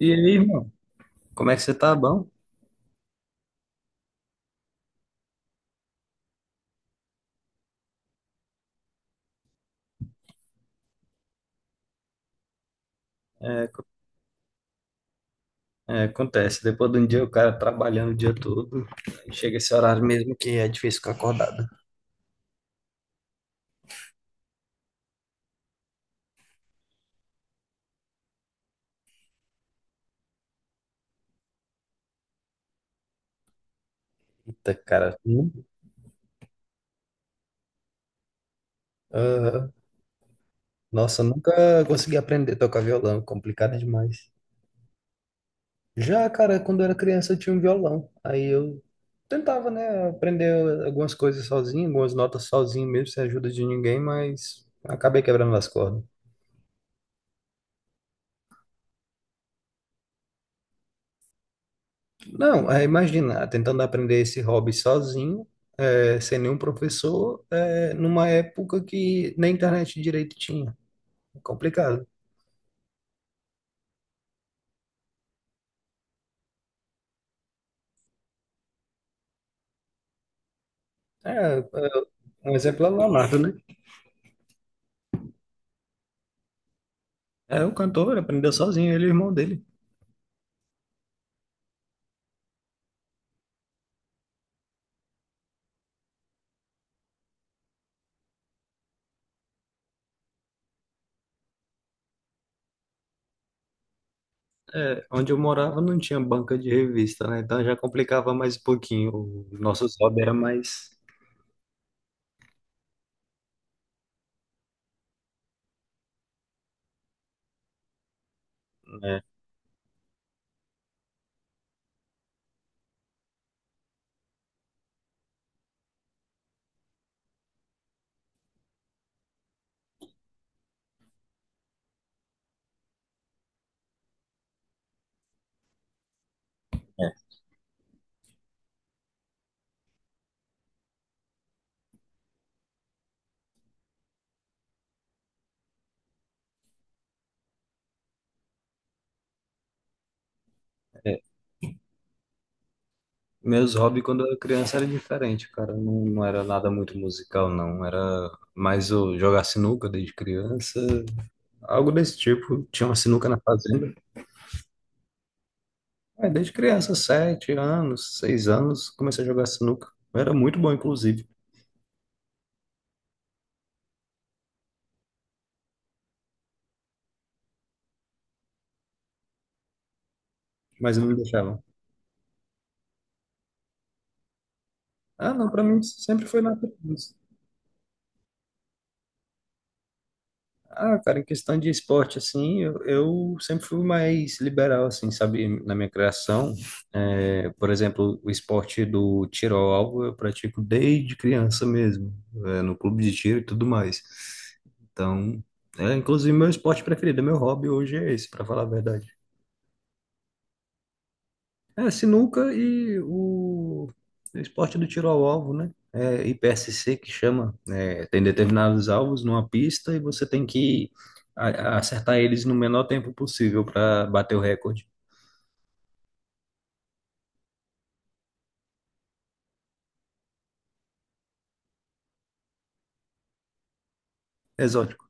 E aí, irmão, como é que você tá? Bom? É, acontece, depois de um dia o cara trabalhando o dia todo, aí chega esse horário mesmo que é difícil ficar acordado. Eita, cara. Hum? Ah, nossa, eu nunca consegui aprender a tocar violão, complicado demais. Já, cara, quando eu era criança eu tinha um violão, aí eu tentava, né, aprender algumas coisas sozinho, algumas notas sozinho mesmo, sem ajuda de ninguém, mas acabei quebrando as cordas. Não, é, imagina, tentando aprender esse hobby sozinho, é, sem nenhum professor, é, numa época que nem internet direito tinha. É complicado. É, um exemplo é o Leonardo, né? É, o cantor ele aprendeu sozinho, ele e o irmão dele. É, onde eu morava não tinha banca de revista, né? Então já complicava mais um pouquinho. Os nossos hobbies eram mais, né? Meus hobbies quando eu era criança era diferente, cara. Não, não era nada muito musical, não. Era mais o jogar sinuca desde criança, algo desse tipo. Tinha uma sinuca na fazenda. Aí, desde criança, 7 anos, 6 anos, comecei a jogar sinuca. Eu era muito bom, inclusive, mas não me deixavam. Ah, não, pra mim sempre foi natural. Isso. Ah, cara, em questão de esporte, assim, eu sempre fui mais liberal, assim, sabe, na minha criação. É, por exemplo, o esporte do tiro ao alvo eu pratico desde criança mesmo, é, no clube de tiro e tudo mais. Então, é, inclusive, meu esporte preferido, meu hobby hoje é esse, pra falar a verdade. É, sinuca e o esporte do tiro ao alvo, né? É IPSC que chama. É, tem determinados alvos numa pista e você tem que acertar eles no menor tempo possível para bater o recorde. Exótico.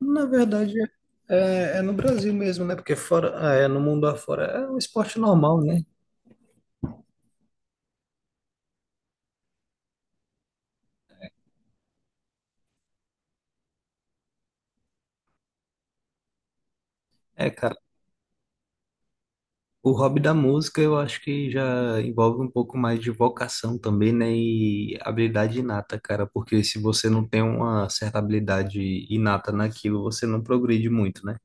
Na verdade, é, é no Brasil mesmo, né? Porque fora, é, no mundo afora é um esporte normal, né? É, cara. O hobby da música eu acho que já envolve um pouco mais de vocação também, né? E habilidade inata, cara, porque se você não tem uma certa habilidade inata naquilo, você não progride muito, né?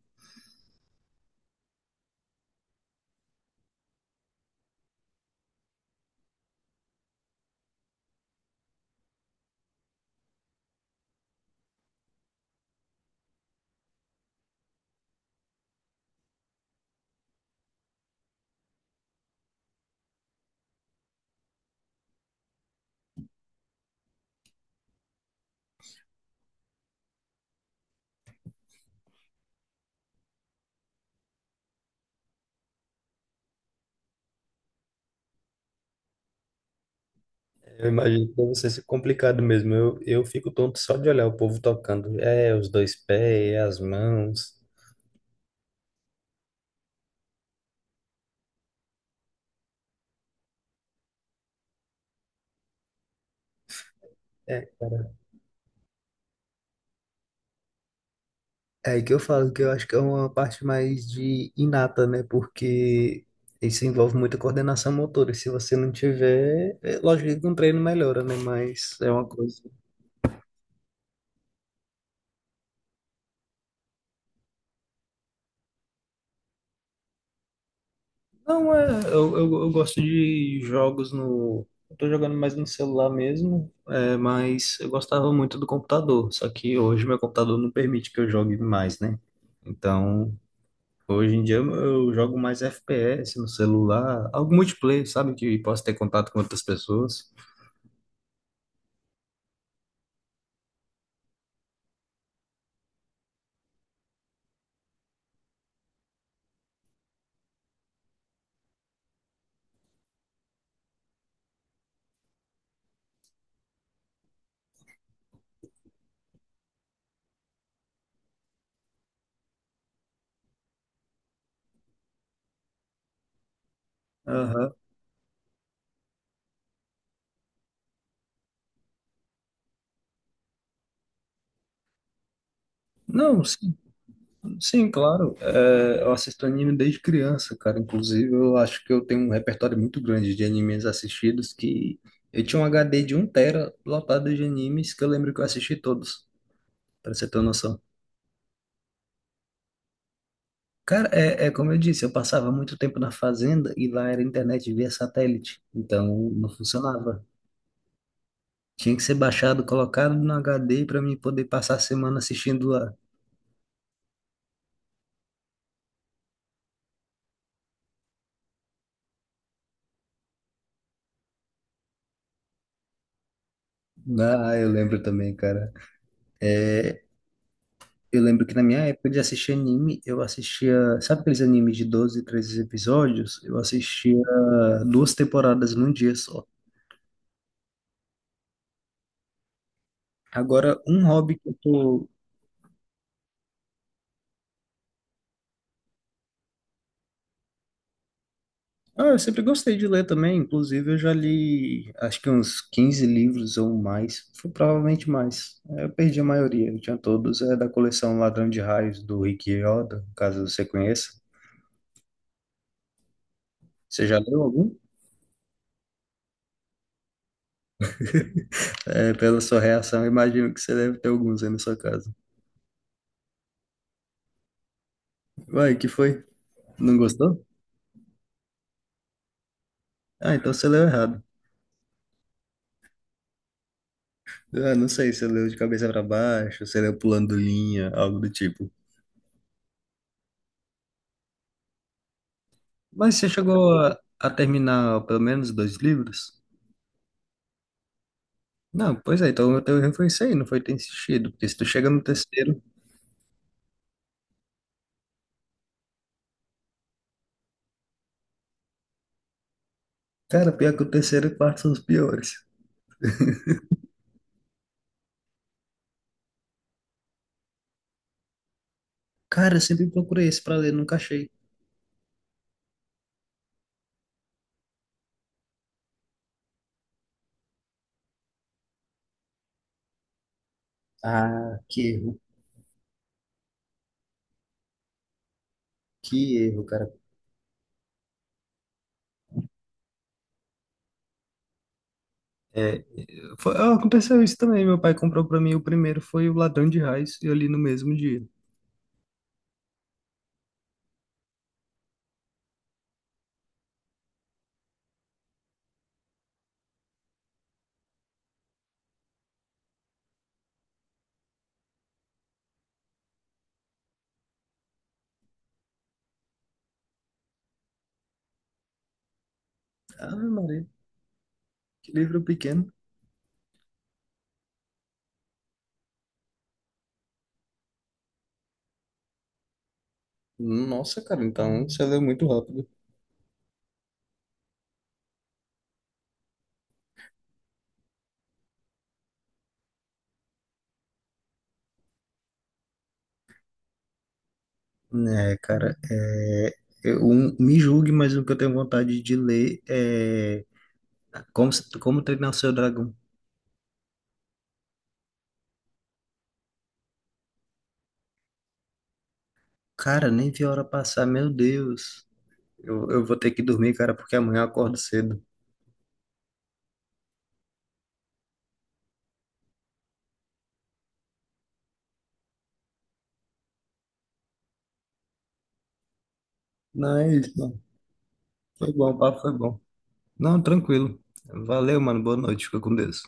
Eu imagino que deve ser complicado mesmo. Eu fico tonto só de olhar o povo tocando. É, os dois pés, é as mãos. É aí que eu falo que eu acho que é uma parte mais de inata, né? Porque isso envolve muita coordenação motora. Se você não tiver, é lógico que um treino melhora, né? Mas é uma coisa. Não, é. Eu gosto de jogos no. Eu tô jogando mais no celular mesmo, é, mas eu gostava muito do computador. Só que hoje meu computador não permite que eu jogue mais, né? Então, hoje em dia eu jogo mais FPS no celular, algo multiplayer, sabe? Que posso ter contato com outras pessoas. Aham. Não, sim, sim, claro. É, eu assisto anime desde criança, cara. Inclusive, eu acho que eu tenho um repertório muito grande de animes assistidos que eu tinha um HD de um tera lotado de animes que eu lembro que eu assisti todos, pra você ter uma noção. Cara, é como eu disse, eu passava muito tempo na fazenda e lá era internet via satélite, então não funcionava. Tinha que ser baixado, colocado no HD para mim poder passar a semana assistindo. Ah, eu lembro também, cara. Eu lembro que na minha época de assistir anime, eu assistia. Sabe aqueles animes de 12 13 episódios? Eu assistia duas temporadas num dia só. Agora, um hobby que eu tô. Ah, eu sempre gostei de ler também. Inclusive, eu já li acho que uns 15 livros ou mais. Foi provavelmente mais. Eu perdi a maioria, eu tinha todos. É da coleção Ladrão de Raios, do Rick Riordan, caso você conheça. Você já leu algum? É, pela sua reação, eu imagino que você deve ter alguns aí na sua casa. Uai, que foi? Não gostou? Ah, então você leu errado. Ah, não sei, você leu de cabeça pra baixo, você leu pulando linha, algo do tipo. Mas você chegou a terminar pelo menos dois livros? Não, pois é, então o teu erro foi isso aí, não foi ter insistido. Porque se tu chega no terceiro, cara, pior que o terceiro e o quarto são os piores. Cara, eu sempre procurei esse pra ler, nunca achei. Ah, que erro, cara. É, foi, ah, aconteceu isso também. Meu pai comprou pra mim o primeiro, foi o Ladrão de Raios, e eu li no mesmo dia. Ah, Maria. Que livro pequeno. Nossa, cara, então você leu muito rápido. É, cara, é, eu, me julgue, mas o que eu tenho vontade de ler é Como, Como Treinar o Seu Dragão. Cara, nem vi a hora passar, meu Deus. Eu vou ter que dormir, cara, porque amanhã eu acordo cedo. Não, é isso, mano. Foi bom, o papo foi bom. Não, tranquilo. Valeu, mano. Boa noite. Fica com Deus.